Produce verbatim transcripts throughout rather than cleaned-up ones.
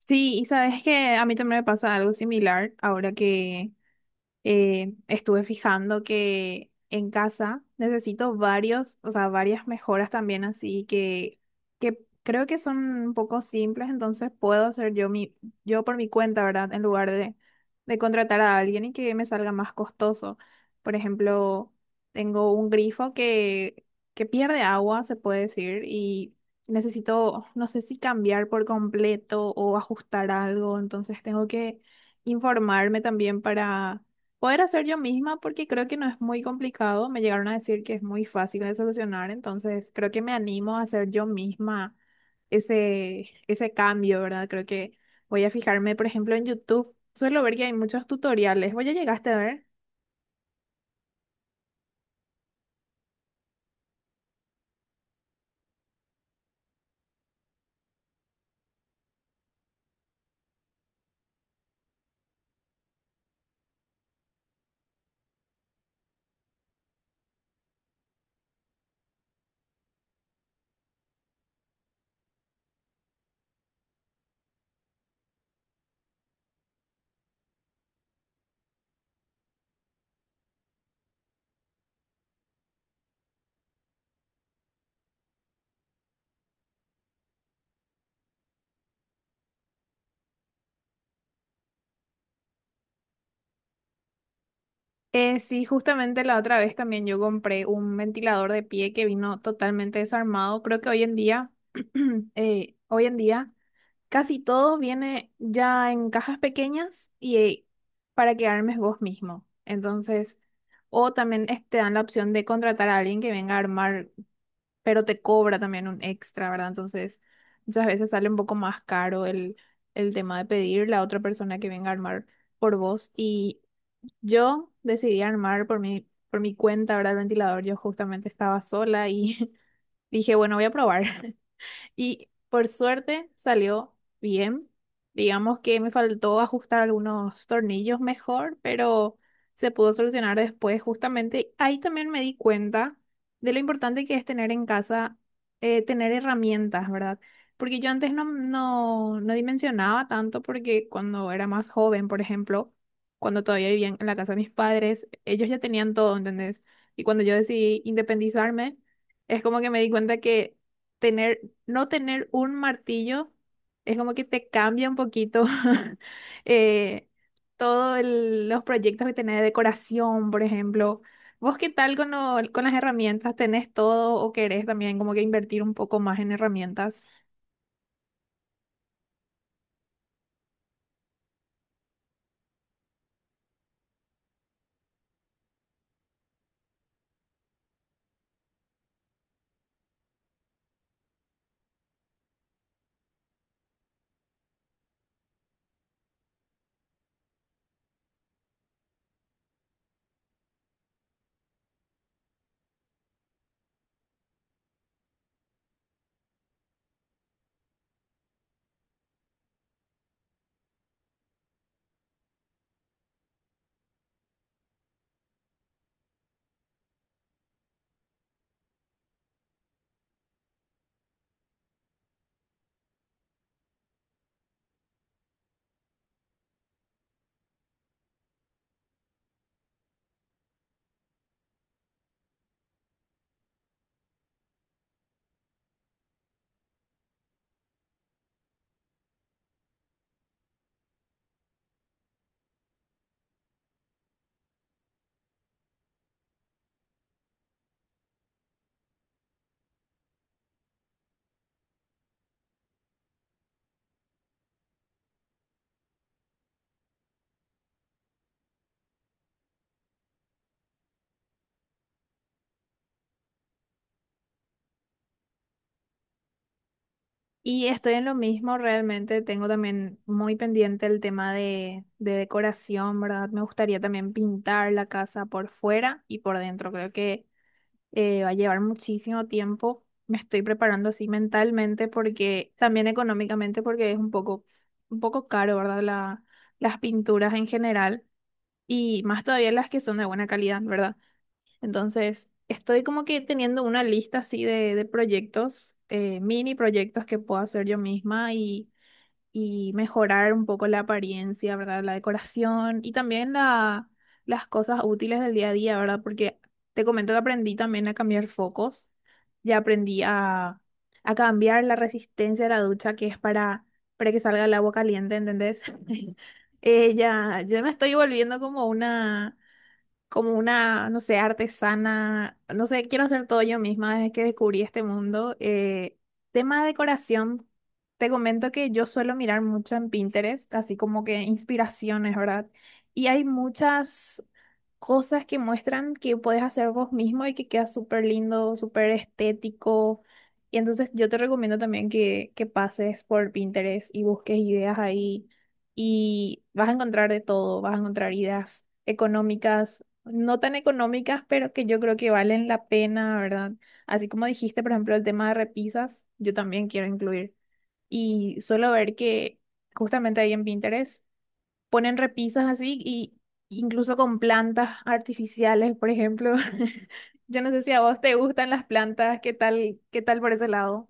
Sí, y sabes que a mí también me pasa algo similar ahora que, eh, estuve fijando que en casa necesito varios, o sea, varias mejoras también, así que, que creo que son un poco simples, entonces puedo hacer yo, mi, yo por mi cuenta, ¿verdad? En lugar de, de contratar a alguien y que me salga más costoso. Por ejemplo, tengo un grifo que, que pierde agua, se puede decir, y necesito, no sé si cambiar por completo o ajustar algo, entonces tengo que informarme también para poder hacer yo misma porque creo que no es muy complicado. Me llegaron a decir que es muy fácil de solucionar, entonces creo que me animo a hacer yo misma ese, ese cambio, ¿verdad? Creo que voy a fijarme, por ejemplo, en YouTube. Suelo ver que hay muchos tutoriales. ¿Vos ya llegaste a ver? Eh, sí, justamente la otra vez también yo compré un ventilador de pie que vino totalmente desarmado. Creo que hoy en día, eh, hoy en día. casi todo viene ya en cajas pequeñas y eh, para que armes vos mismo. Entonces, o también es- te dan la opción de contratar a alguien que venga a armar, pero te cobra también un extra, ¿verdad? Entonces, muchas veces sale un poco más caro el, el tema de pedirle a otra persona que venga a armar por vos. Y yo decidí armar por mi, por mi cuenta, ¿verdad? El ventilador. Yo justamente estaba sola y dije, bueno, voy a probar. Y por suerte salió bien. Digamos que me faltó ajustar algunos tornillos mejor, pero se pudo solucionar después. Justamente ahí también me di cuenta de lo importante que es tener en casa, eh, tener herramientas, ¿verdad? Porque yo antes no, no, no dimensionaba tanto porque cuando era más joven, por ejemplo, cuando todavía vivía en la casa de mis padres, ellos ya tenían todo, ¿entendés? Y cuando yo decidí independizarme, es como que me di cuenta que tener no tener un martillo es como que te cambia un poquito eh, todos los proyectos que tenés de decoración, por ejemplo. ¿Vos qué tal con, lo- con las herramientas? ¿Tenés todo o querés también como que invertir un poco más en herramientas? Y estoy en lo mismo, realmente tengo también muy pendiente el tema de, de decoración, ¿verdad? Me gustaría también pintar la casa por fuera y por dentro. Creo que eh, va a llevar muchísimo tiempo. Me estoy preparando así mentalmente porque también económicamente porque es un poco, un poco caro, ¿verdad? La, las pinturas en general y más todavía las que son de buena calidad, ¿verdad? Entonces, estoy como que teniendo una lista así de, de proyectos, eh, mini proyectos que puedo hacer yo misma y y mejorar un poco la apariencia, ¿verdad? La decoración y también la, las cosas útiles del día a día, ¿verdad? Porque te comento que aprendí también a cambiar focos, ya aprendí a, a cambiar la resistencia de la ducha que es para, para que salga el agua caliente, ¿entendés? Eh, ya, yo me estoy volviendo como una como una, no sé, artesana, no sé, quiero hacer todo yo misma desde que descubrí este mundo. Eh, tema de decoración, te comento que yo suelo mirar mucho en Pinterest, así como que inspiraciones, ¿verdad? Y hay muchas cosas que muestran que puedes hacer vos mismo y que queda súper lindo, súper estético. Y entonces yo te recomiendo también que, que pases por Pinterest y busques ideas ahí y vas a encontrar de todo, vas a encontrar ideas económicas, no tan económicas, pero que yo creo que valen la pena, ¿verdad? Así como dijiste, por ejemplo, el tema de repisas, yo también quiero incluir. Y suelo ver que justamente ahí en Pinterest ponen repisas así y incluso con plantas artificiales, por ejemplo. Yo no sé si a vos te gustan las plantas, ¿qué tal, qué tal por ese lado?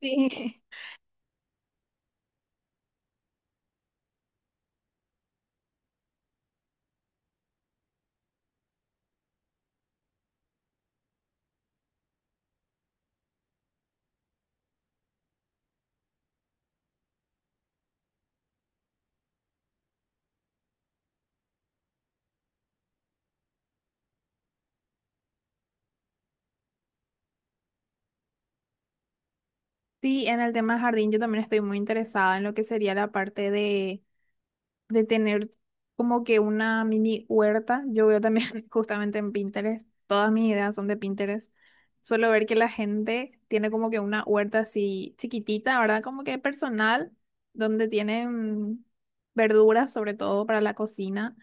Sí. Sí, en el tema jardín yo también estoy muy interesada en lo que sería la parte de de tener como que una mini huerta. Yo veo también justamente en Pinterest, todas mis ideas son de Pinterest. Suelo ver que la gente tiene como que una huerta así chiquitita, ¿verdad? Como que personal, donde tienen verduras, sobre todo para la cocina.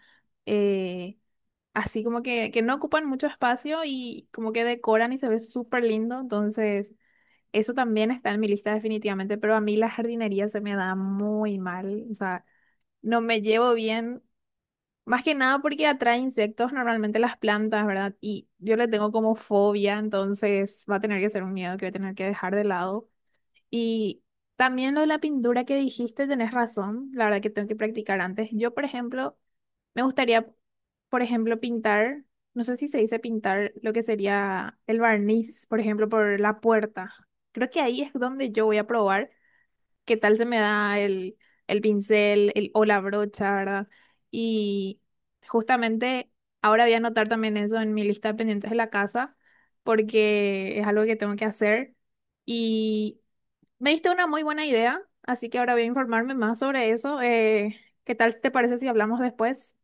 eh, Así como que, que no ocupan mucho espacio y como que decoran y se ve súper lindo. Entonces, eso también está en mi lista definitivamente, pero a mí la jardinería se me da muy mal. O sea, no me llevo bien, más que nada porque atrae insectos normalmente las plantas, ¿verdad? Y yo le tengo como fobia, entonces va a tener que ser un miedo que voy a tener que dejar de lado. Y también lo de la pintura que dijiste, tenés razón, la verdad que tengo que practicar antes. Yo, por ejemplo, me gustaría, por ejemplo, pintar, no sé si se dice pintar lo que sería el barniz, por ejemplo, por la puerta. Creo que ahí es donde yo voy a probar qué tal se me da el, el pincel el, o la brocha, ¿verdad? Y justamente ahora voy a anotar también eso en mi lista de pendientes de la casa, porque es algo que tengo que hacer. Y me diste una muy buena idea, así que ahora voy a informarme más sobre eso. Eh, ¿qué tal te parece si hablamos después?